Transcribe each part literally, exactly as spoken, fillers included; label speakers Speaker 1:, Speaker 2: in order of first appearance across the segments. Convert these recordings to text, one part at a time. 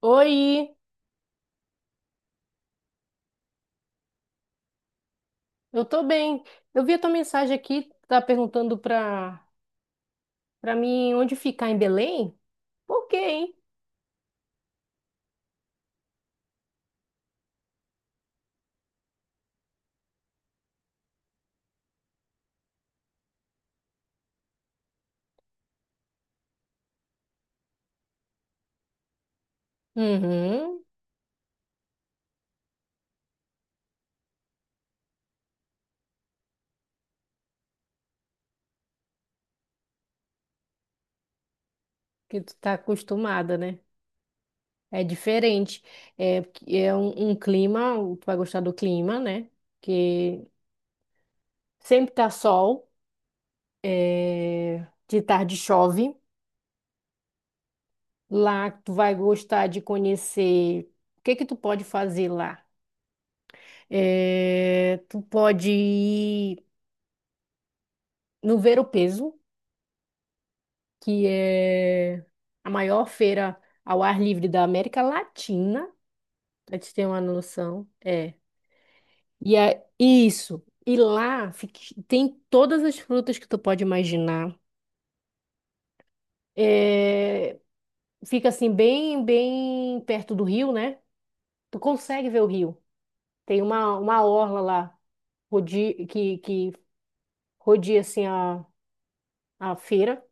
Speaker 1: Oi, eu tô bem. Eu vi a tua mensagem aqui, tá perguntando pra, pra mim onde ficar em Belém? Por quê, hein? Uhum, que tu tá acostumada, né? É diferente. É, porque é um, um clima, tu vai gostar do clima, né? Que sempre tá sol, é, de tarde chove. Lá tu vai gostar de conhecer o que que tu pode fazer lá. É, tu pode ir no Ver-o-Peso, que é a maior feira ao ar livre da América Latina, para te ter uma noção. É. E é isso. E lá fica- tem todas as frutas que tu pode imaginar. É, fica assim bem, bem perto do rio, né? Tu consegue ver o rio. Tem uma, uma orla lá rodi- que, que rodeia assim a, a feira.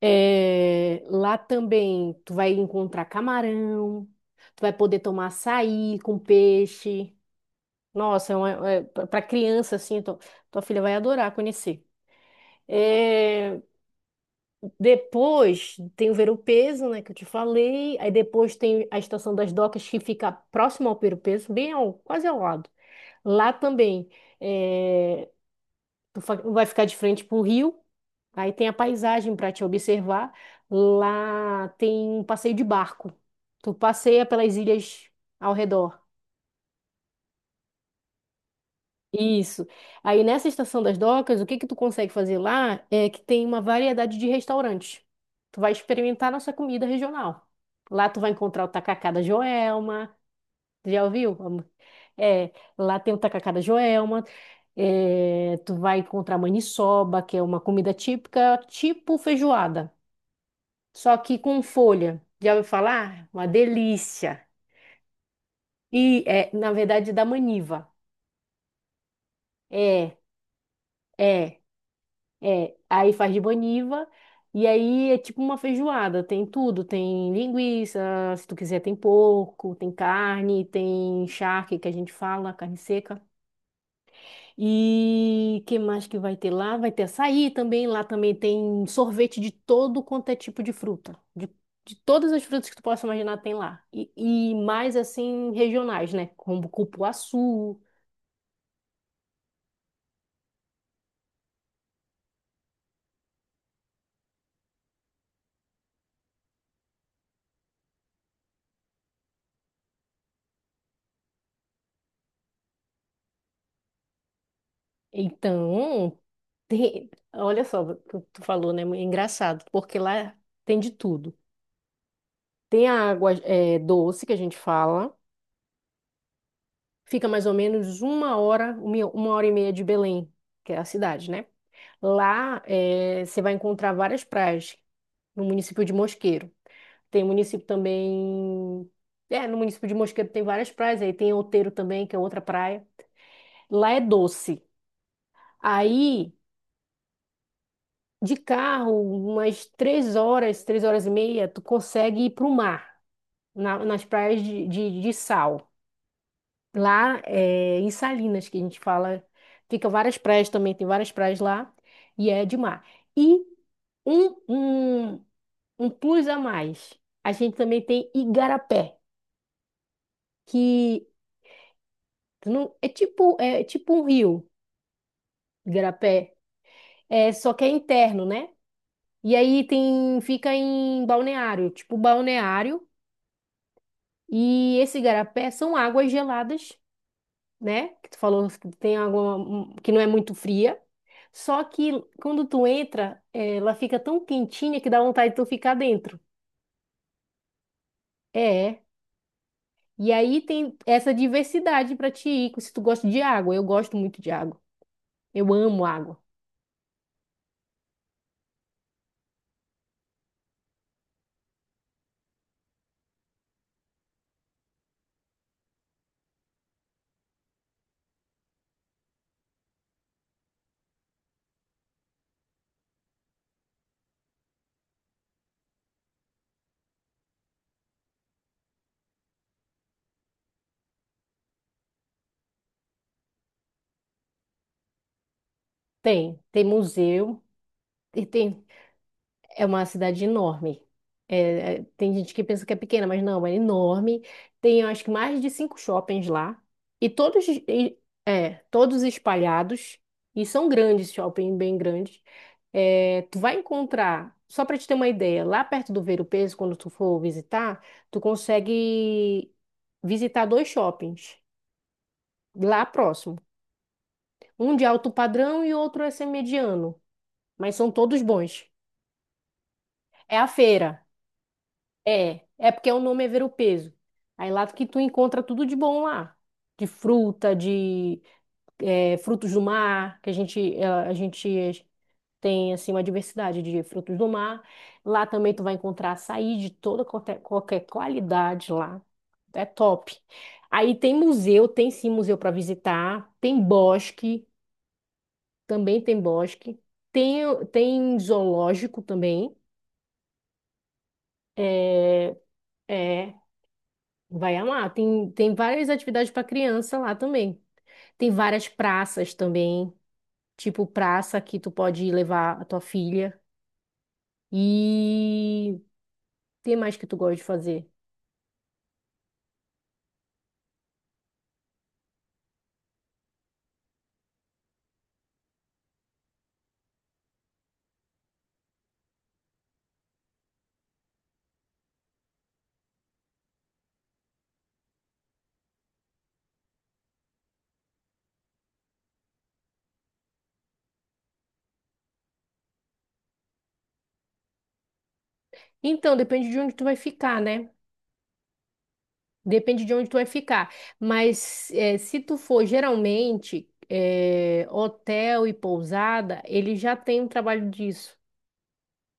Speaker 1: É, lá também tu vai encontrar camarão, tu vai poder tomar açaí com peixe. Nossa, é uma, é, para criança assim, tu- tua filha vai adorar conhecer. É, depois tem o Ver-o-Peso, né, que eu te falei. Aí depois tem a Estação das Docas, que fica próximo ao Ver-o-Peso, bem ao, quase ao lado. Lá também é, tu fa- vai ficar de frente pro rio. Aí tem a paisagem para te observar. Lá tem um passeio de barco. Tu passeia pelas ilhas ao redor. Isso. Aí nessa estação das docas, o que que tu consegue fazer lá é que tem uma variedade de restaurantes. Tu vai experimentar nossa comida regional. Lá tu vai encontrar o tacacá da Joelma. Tu já ouviu, amor? É, lá tem o tacacá da Joelma. É, tu vai encontrar maniçoba, que é uma comida típica, tipo feijoada, só que com folha. Já ouviu falar? Uma delícia. E é, na verdade, da maniva. É, é, é. Aí faz de maniva. E aí é tipo uma feijoada, tem tudo, tem linguiça, se tu quiser tem porco, tem carne, tem charque que a gente fala, carne seca. E que mais que vai ter lá? Vai ter açaí também. Lá também tem sorvete de todo quanto é tipo de fruta. De, de todas as frutas que tu possa imaginar tem lá. E, e mais assim, regionais, né? Como cupuaçu. Então, tem... olha só o que tu falou, né? É engraçado, porque lá tem de tudo. Tem a água é, doce que a gente fala. Fica mais ou menos uma hora, uma hora e meia de Belém, que é a cidade, né? Lá eh, você vai encontrar várias praias no município de Mosqueiro. Tem município também. É, no município de Mosqueiro tem várias praias, aí tem Outeiro também, que é outra praia. Lá é doce. Aí, de carro, umas três horas, três horas e meia, tu consegue ir para o mar, na- nas praias de, de, de sal. Lá é, em Salinas, que a gente fala, fica várias praias também, tem várias praias lá, e é de mar. E um, um, um plus a mais, a gente também tem Igarapé, que não, é tipo, é tipo um rio, Igarapé, é, só que é interno, né? E aí tem, fica em balneário, tipo balneário, e esse Igarapé são águas geladas, né? Que tu falou que tem água hum, que não é muito fria. Só que quando tu entra, eh, ela fica tão quentinha que dá vontade de tu ficar dentro. É. E aí tem essa diversidade pra te ir, se tu gosta de água. Eu gosto muito de água. Eu amo água. Tem, tem museu, e tem, é uma cidade enorme. É, é, tem gente que pensa que é pequena, mas não, é enorme. Tem, eu acho que mais de cinco shoppings lá. E todos, e- é, todos espalhados. E são grandes, shopping bem grandes. É, tu vai encontrar, só para te ter uma ideia, lá perto do Ver o Peso, quando tu for visitar, tu consegue visitar dois shoppings lá próximo. Um de alto padrão e outro é mediano, mas são todos bons. É a feira. É, é porque o nome é ver o peso. Aí lá que tu encontra tudo de bom lá. De fruta, de eh, frutos do mar, que a gente, eh, a gente tem assim uma diversidade de frutos do mar. Lá também tu vai encontrar açaí de toda qualquer, qualquer qualidade lá. É top. Aí tem museu, tem sim museu para visitar, tem bosque, também tem bosque, tem, tem zoológico também. É, é. Vai amar. Tem, tem várias atividades para criança lá também. Tem várias praças também, tipo praça que tu pode levar a tua filha. E tem mais que tu gosta de fazer. Então, depende de onde tu vai ficar, né? Depende de onde tu vai ficar. Mas eh, se tu for geralmente eh, hotel e pousada, ele já tem um trabalho disso.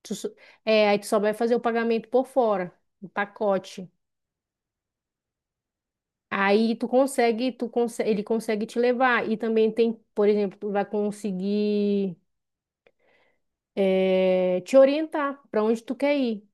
Speaker 1: Tu, só- é, aí tu só vai fazer o pagamento por fora, o pacote. Aí tu consegue, tu conse- ele consegue te levar. E também tem, por exemplo, tu vai conseguir eh, te orientar para onde tu quer ir.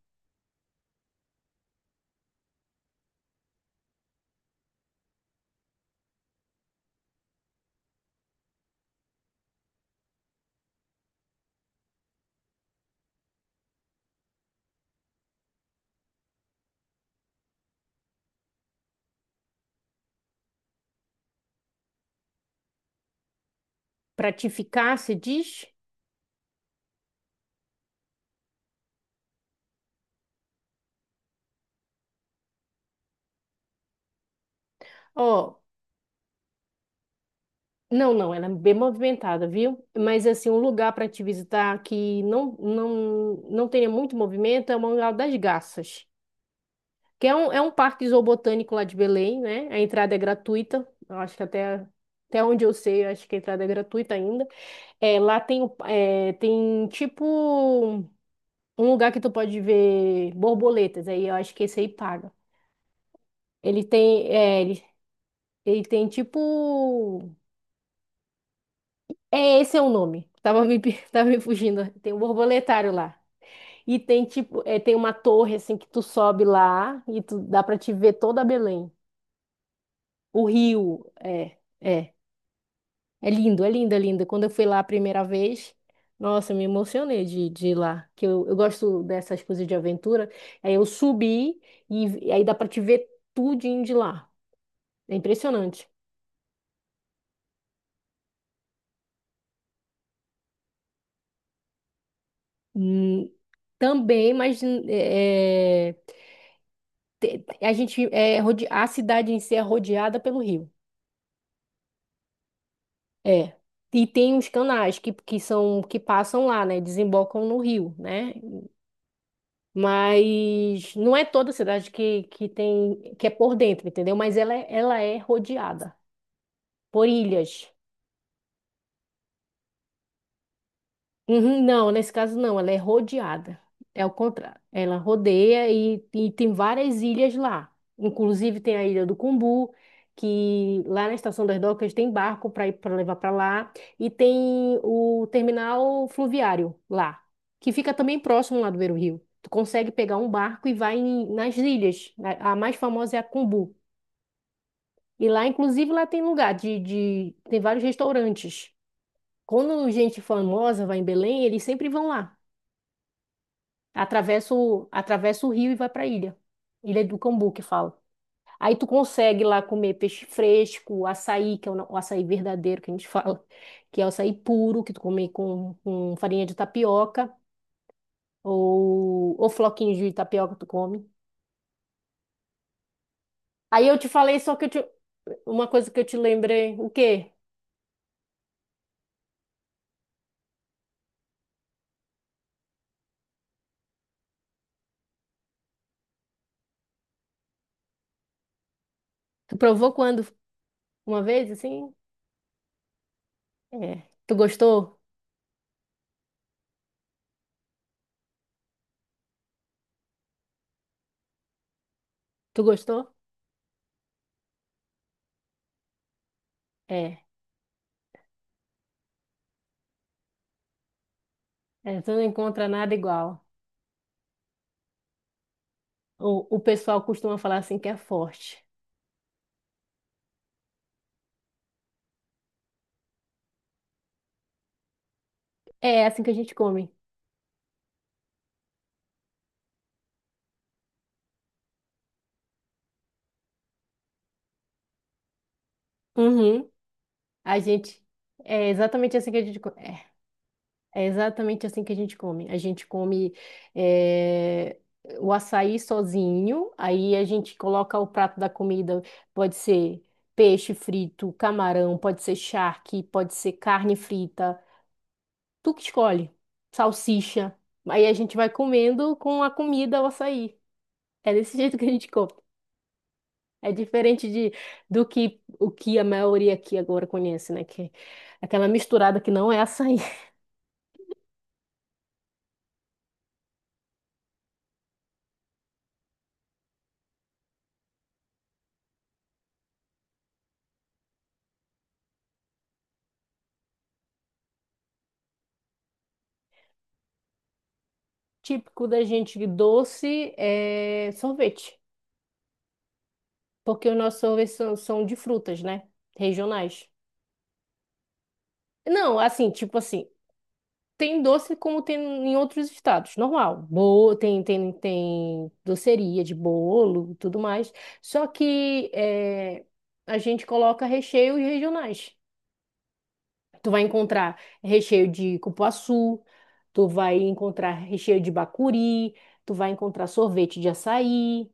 Speaker 1: Para te ficar, se diz, ó, não, não, ela é bem movimentada, viu? Mas assim, um lugar para te visitar que não, não, não tenha muito movimento é o Mangá das Garças. Que é um, é um parque zoobotânico lá de Belém, né? A entrada é gratuita. Eu acho que até, até onde eu sei, eu acho que a entrada é gratuita ainda. É, lá tem, o- é, tem tipo um lugar que tu pode ver borboletas. Aí eu acho que esse aí paga. Ele tem, é, ele, ele tem tipo. É, esse é o nome. Tava me, pe- Tava me fugindo. Tem um borboletário lá. E tem tipo, é, tem uma torre assim que tu sobe lá e tu dá pra te ver toda Belém. O rio, é. é. É lindo, é lindo, é lindo. Quando eu fui lá a primeira vez, nossa, eu me emocionei de, de ir lá, que eu, eu gosto dessas coisas de aventura. Aí eu subi e, e aí dá para te ver tudinho de lá. É impressionante. Hum, também, mas hum, é, te- a gente é rode- a cidade em si é rodeada pelo rio. É. E tem os canais que, que são que passam lá, né? Desembocam no rio, né? Mas não é toda cidade que, que tem que é por dentro, entendeu? Mas ela, é- ela é rodeada por ilhas. Uhum, não, nesse caso não, ela é rodeada. É o contrário. Ela rodeia e, e tem várias ilhas lá. Inclusive tem a Ilha do Cumbu, que lá na Estação das Docas tem barco para ir para levar para lá e tem o terminal fluviário lá, que fica também próximo lá do Beira-Rio. Tu consegue pegar um barco e vai em- nas ilhas. A, a mais famosa é a Cumbu. E lá, inclusive, lá tem lugar de, de tem vários restaurantes. Quando gente famosa vai em Belém, eles sempre vão lá. Atravessa o, atravessa o rio e vai para a ilha. Ilha do Cambu, que fala. Aí tu consegue lá comer peixe fresco, açaí, que é o, na- o açaí verdadeiro que a gente fala, que é o açaí puro, que tu come com, com farinha de tapioca, ou, ou floquinhos de tapioca tu come. Aí eu te falei só que eu te, uma coisa que eu te lembrei, o quê? Tu provou quando? Uma vez, assim? É. Tu gostou? Tu gostou? É. É, tu não encontra nada igual. O, o pessoal costuma falar assim que é forte. É assim que a gente come. Uhum. A gente. É exatamente assim que a gente come. É, é exatamente assim que a gente come. A gente come é, o açaí sozinho, aí a gente coloca o prato da comida, pode ser peixe frito, camarão, pode ser charque, pode ser carne frita. Tu que escolhe. Salsicha. Aí a gente vai comendo com a comida o açaí. É desse jeito que a gente come. É diferente de, do que o que a maioria aqui agora conhece, né? Que é aquela misturada que não é açaí. Típico da gente doce é sorvete, porque os nossos sorvetes são, são de frutas, né? Regionais. Não, assim, tipo assim, tem doce como tem em outros estados, normal. Bolo, tem, tem, tem doceria de bolo, e tudo mais. Só que é, a gente coloca recheios regionais. Tu vai encontrar recheio de cupuaçu, tu vai encontrar recheio de bacuri, tu vai encontrar sorvete de açaí.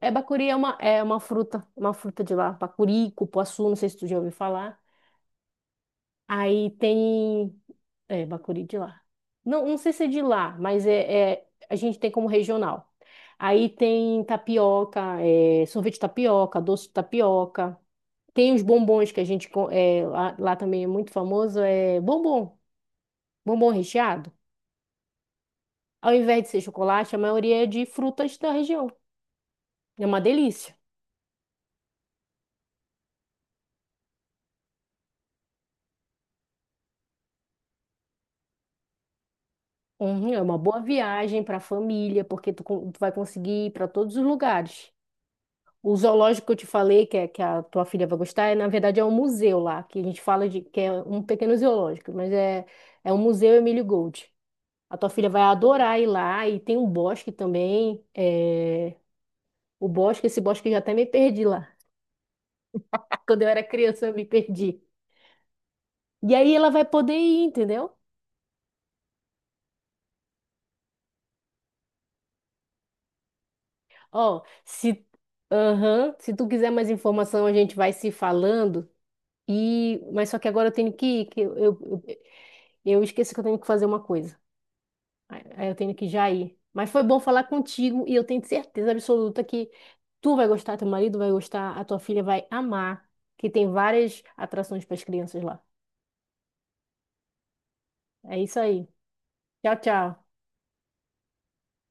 Speaker 1: É, bacuri é uma, é uma fruta, uma fruta de lá. Bacuri, cupuaçu, não sei se tu já ouviu falar. Aí tem... É, bacuri de lá. Não, não sei se é de lá, mas é, é- a gente tem como regional. Aí tem tapioca, é, sorvete de tapioca, doce de tapioca. Tem os bombons que a gente... co- é, lá, lá também é muito famoso, é bombom. Bombom recheado, ao invés de ser chocolate, a maioria é de frutas da região. É uma delícia. Uhum, é uma boa viagem para a família, porque tu, con- tu vai conseguir ir para todos os lugares. O zoológico que eu te falei, que, é, que a tua filha vai gostar, é, na verdade é um museu lá, que a gente fala de que é um pequeno zoológico, mas é, é um museu Emílio Gold. A tua filha vai adorar ir lá e tem um bosque também. É, o bosque, esse bosque eu já até me perdi lá. Quando eu era criança, eu me perdi. E aí ela vai poder ir, entendeu? Ó, se, aham, se tu quiser mais informação, a gente vai se falando. E, mas só que agora eu tenho que ir, que eu, eu, eu eu esqueci que eu tenho que fazer uma coisa. Aí aí eu tenho que já ir. Mas foi bom falar contigo e eu tenho certeza absoluta que tu vai gostar, teu marido vai gostar, a tua filha vai amar, que tem várias atrações para as crianças lá. É isso aí. Tchau, tchau.